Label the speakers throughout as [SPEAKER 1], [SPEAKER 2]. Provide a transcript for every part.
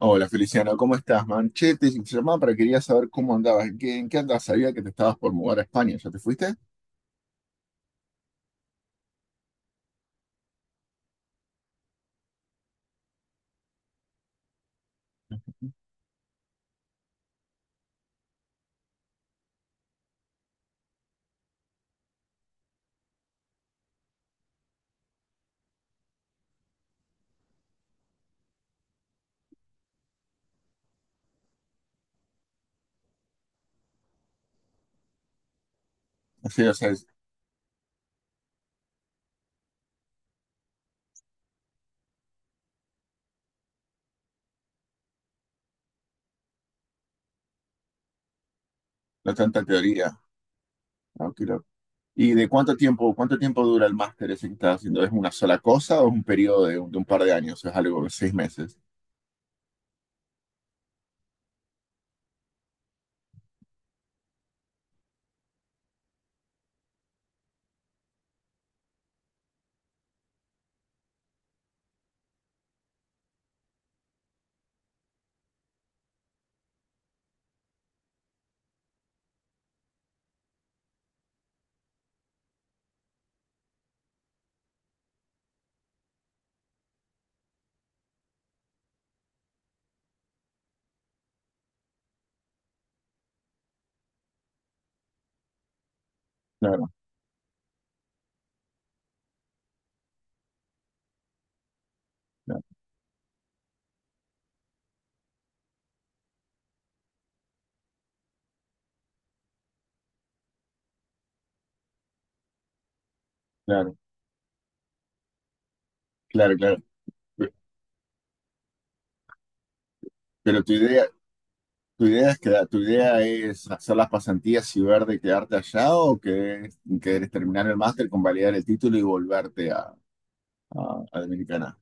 [SPEAKER 1] Hola Feliciano, ¿cómo estás, man? Che, te llamaba para quería saber cómo andabas, ¿en qué andabas? Sabía que te estabas por mudar a España, ¿ya te fuiste? Así, o sea, no tanta teoría. Ah, qué ¿Y de cuánto tiempo dura el máster ese que estás haciendo? ¿Es una sola cosa o es un periodo de un par de años? ¿Es algo de seis meses? Claro, claro, claro, claro, claro. Pe- Pero tu idea es tu idea es hacer las pasantías y ver de quedarte allá o que querés terminar el máster, convalidar el título y volverte a Dominicana.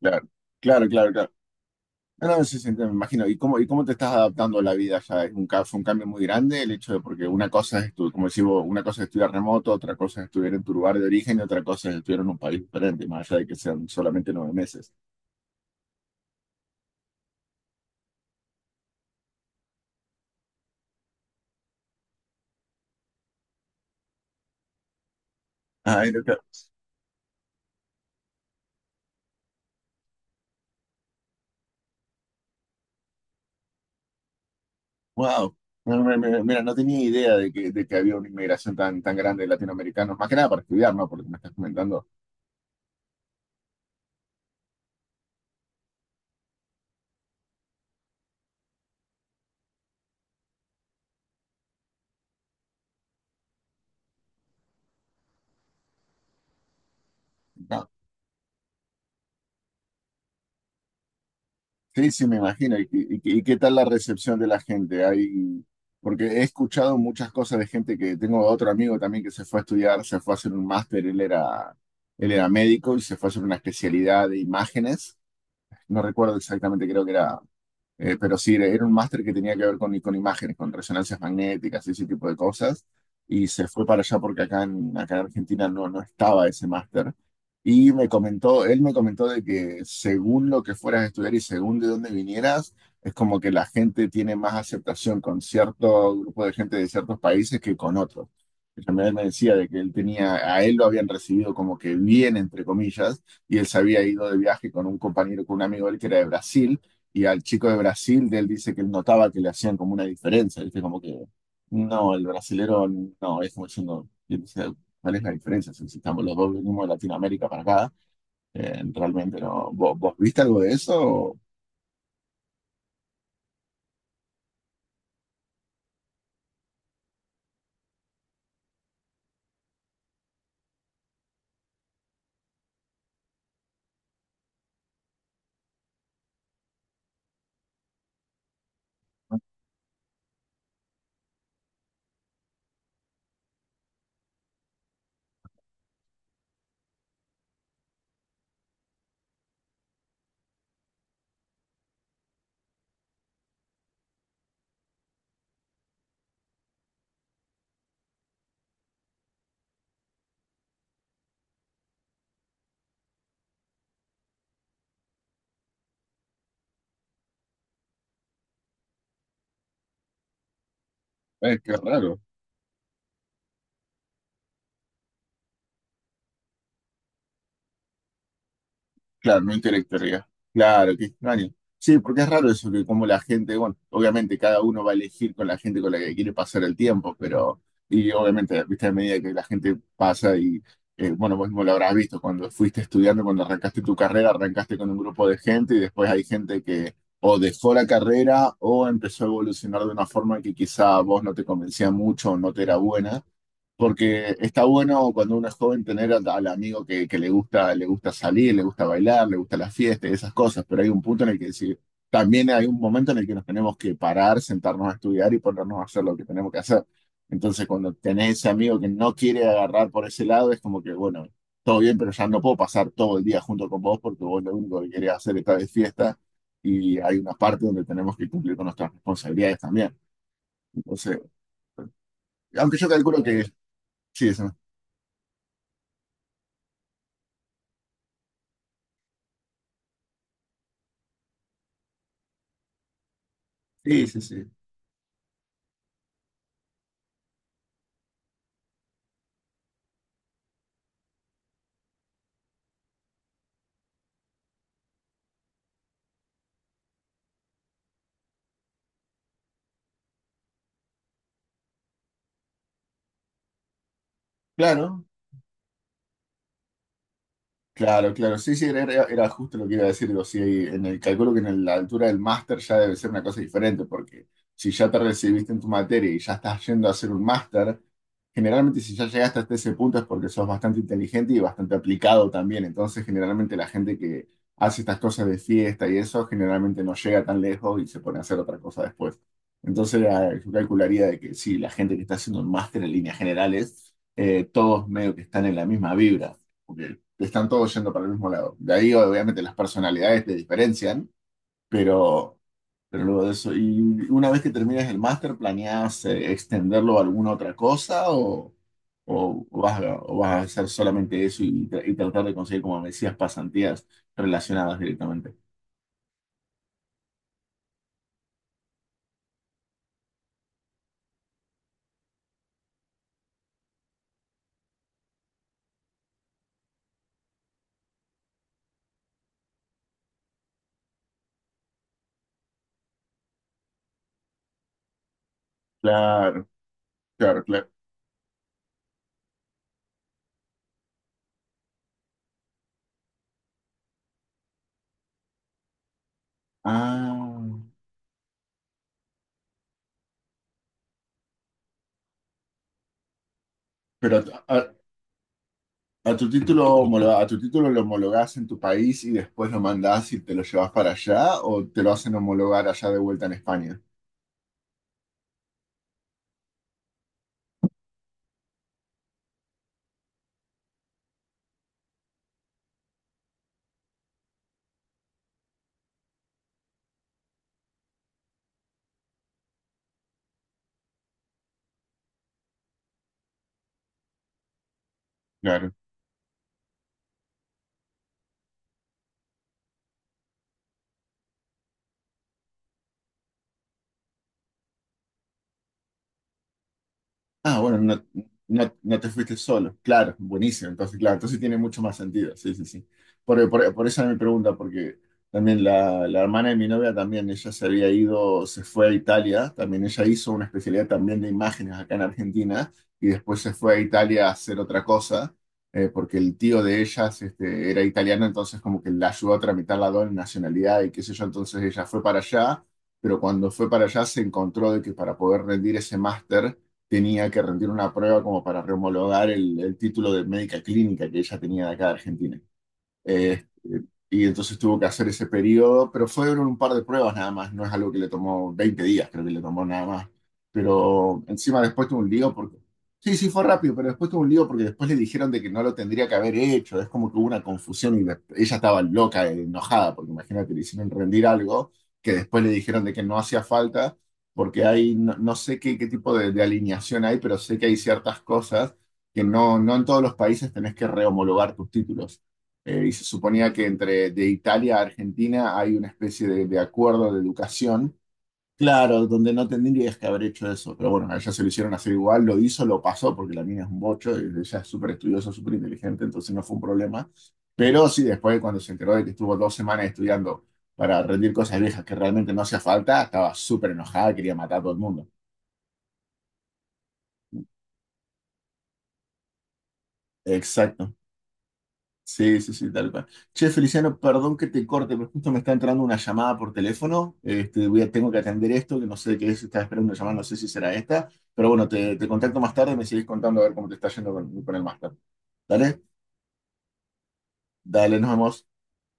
[SPEAKER 1] Claro, claro, claro, claro. No, no, sí, sí, me imagino. Y cómo te estás adaptando a la vida ya? Es un, fue un cambio muy grande el hecho de, porque una cosa es, como decimos, una cosa es estudiar remoto, otra cosa es estudiar en tu lugar de origen y otra cosa es estudiar en un país diferente, más allá de que sean solamente 9 meses. Ay, no, wow. No, no, Mira, no tenía idea de que había una inmigración tan, tan grande de latinoamericanos, más que nada para estudiar, ¿no? Porque me estás comentando. No. Sí, sí, me imagino. ¿Y, y qué tal la recepción de la gente? Hay, porque he escuchado muchas cosas de gente que tengo otro amigo también que se fue a estudiar, se fue a hacer un máster, él era médico y se fue a hacer una especialidad de imágenes. No recuerdo exactamente, creo que era pero sí, era un máster que tenía que ver con imágenes, con resonancias magnéticas y ese tipo de cosas. Y se fue para allá porque acá en, acá en Argentina no, no estaba ese máster. Y me comentó, él me comentó de que según lo que fueras a estudiar y según de dónde vinieras, es como que la gente tiene más aceptación con cierto grupo de gente de ciertos países que con otros. Y también él me decía de que él tenía, a él lo habían recibido como que bien, entre comillas, y él se había ido de viaje con un compañero, con un amigo de él que era de Brasil y al chico de Brasil, de él dice que él notaba que le hacían como una diferencia, ¿viste? Como que, no, el brasilero, no, es como diciendo, y él decía, ¿cuál es la diferencia? Si estamos los dos venimos de Latinoamérica para acá, realmente no. ¿Vos, vos viste algo de eso? Qué raro. Claro, no interactuaría. Claro, qué extraño. Sí, porque es raro eso, que como la gente, bueno, obviamente cada uno va a elegir con la gente con la que quiere pasar el tiempo, pero, y obviamente, viste, a medida que la gente pasa y, bueno, vos mismo lo habrás visto, cuando fuiste estudiando, cuando arrancaste tu carrera, arrancaste con un grupo de gente y después hay gente que o dejó la carrera o empezó a evolucionar de una forma que quizá a vos no te convencía mucho o no te era buena. Porque está bueno cuando uno es joven tener al amigo que le gusta salir, le gusta bailar, le gusta la fiesta y esas cosas, pero hay un punto en el que decir, también hay un momento en el que nos tenemos que parar, sentarnos a estudiar y ponernos a hacer lo que tenemos que hacer. Entonces, cuando tenés ese amigo que no quiere agarrar por ese lado, es como que, bueno, todo bien, pero ya no puedo pasar todo el día junto con vos porque vos lo único que querés hacer es de fiesta y hay una parte donde tenemos que cumplir con nuestras responsabilidades también. Entonces, aunque yo calculo que sí, eso. Sí, sí, sí. Claro, claro, claro. Sí, sí, era justo lo que iba a decir. Digo, sí, en el cálculo que en la altura del máster ya debe ser una cosa diferente, porque si ya te recibiste en tu materia y ya estás yendo a hacer un máster, generalmente si ya llegaste hasta ese punto es porque sos bastante inteligente y bastante aplicado también. Entonces, generalmente la gente que hace estas cosas de fiesta y eso, generalmente no llega tan lejos y se pone a hacer otra cosa después. Entonces, yo calcularía de que sí, la gente que está haciendo un máster en líneas generales, todos medio que están en la misma vibra están todos yendo para el mismo lado. De ahí, obviamente, las personalidades te diferencian, pero, pero luego de eso. ¿Y una vez que termines el máster, planeas extenderlo a alguna otra cosa o vas a hacer solamente eso y, y tratar de conseguir, como me decías, pasantías relacionadas directamente? Claro, claro, claro. Ah, pero a, a tu título a tu título lo homologás en tu país y después lo mandás y te lo llevas para allá o te lo hacen homologar allá de vuelta en España. Claro. Ah, bueno, no, no, no te fuiste solo. Claro, buenísimo. Entonces, claro, entonces sí tiene mucho más sentido. Sí, sí, sí. Por esa era mi pregunta, porque también la hermana de mi novia también, ella se había ido, se fue a Italia, también ella hizo una especialidad también de imágenes acá en Argentina y después se fue a Italia a hacer otra cosa, porque el tío de ellas este, era italiano, entonces como que la ayudó a tramitar la doble nacionalidad y qué sé yo, entonces ella fue para allá, pero cuando fue para allá se encontró de que para poder rendir ese máster, tenía que rendir una prueba como para rehomologar el título de médica clínica que ella tenía de acá de Argentina. Eh, y entonces tuvo que hacer ese periodo, pero fueron un par de pruebas nada más, no es algo que le tomó 20 días, creo que le tomó nada más. Pero encima después tuvo un lío porque... Sí, sí, fue rápido, pero después tuvo un lío porque después le dijeron de que no lo tendría que haber hecho, es como que hubo una confusión y ella estaba loca, enojada, porque imagínate, le hicieron rendir algo que después le dijeron de que no hacía falta, porque hay, no, no sé qué, qué tipo de alineación hay, pero sé que hay ciertas cosas que no, no en todos los países tenés que rehomologar tus títulos. Y se suponía que entre de Italia a Argentina hay una especie de acuerdo de educación. Claro, donde no tendrías que haber hecho eso, pero bueno, a ella se lo hicieron hacer igual, lo hizo, lo pasó, porque la mina es un bocho, y ella es súper estudiosa, súper inteligente, entonces no fue un problema. Pero sí, después cuando se enteró de que estuvo dos semanas estudiando para rendir cosas viejas que realmente no hacía falta, estaba súper enojada, quería matar a todo el mundo. Exacto. Sí, sí, sí, tal cual. Che, Feliciano, perdón que te corte, pero justo me está entrando una llamada por teléfono. Este, voy a, tengo que atender esto, que no sé de qué es, estaba esperando una llamada, no sé si será esta. Pero bueno, te contacto más tarde, me sigues contando a ver cómo te está yendo con el máster. Dale, dale, nos vemos.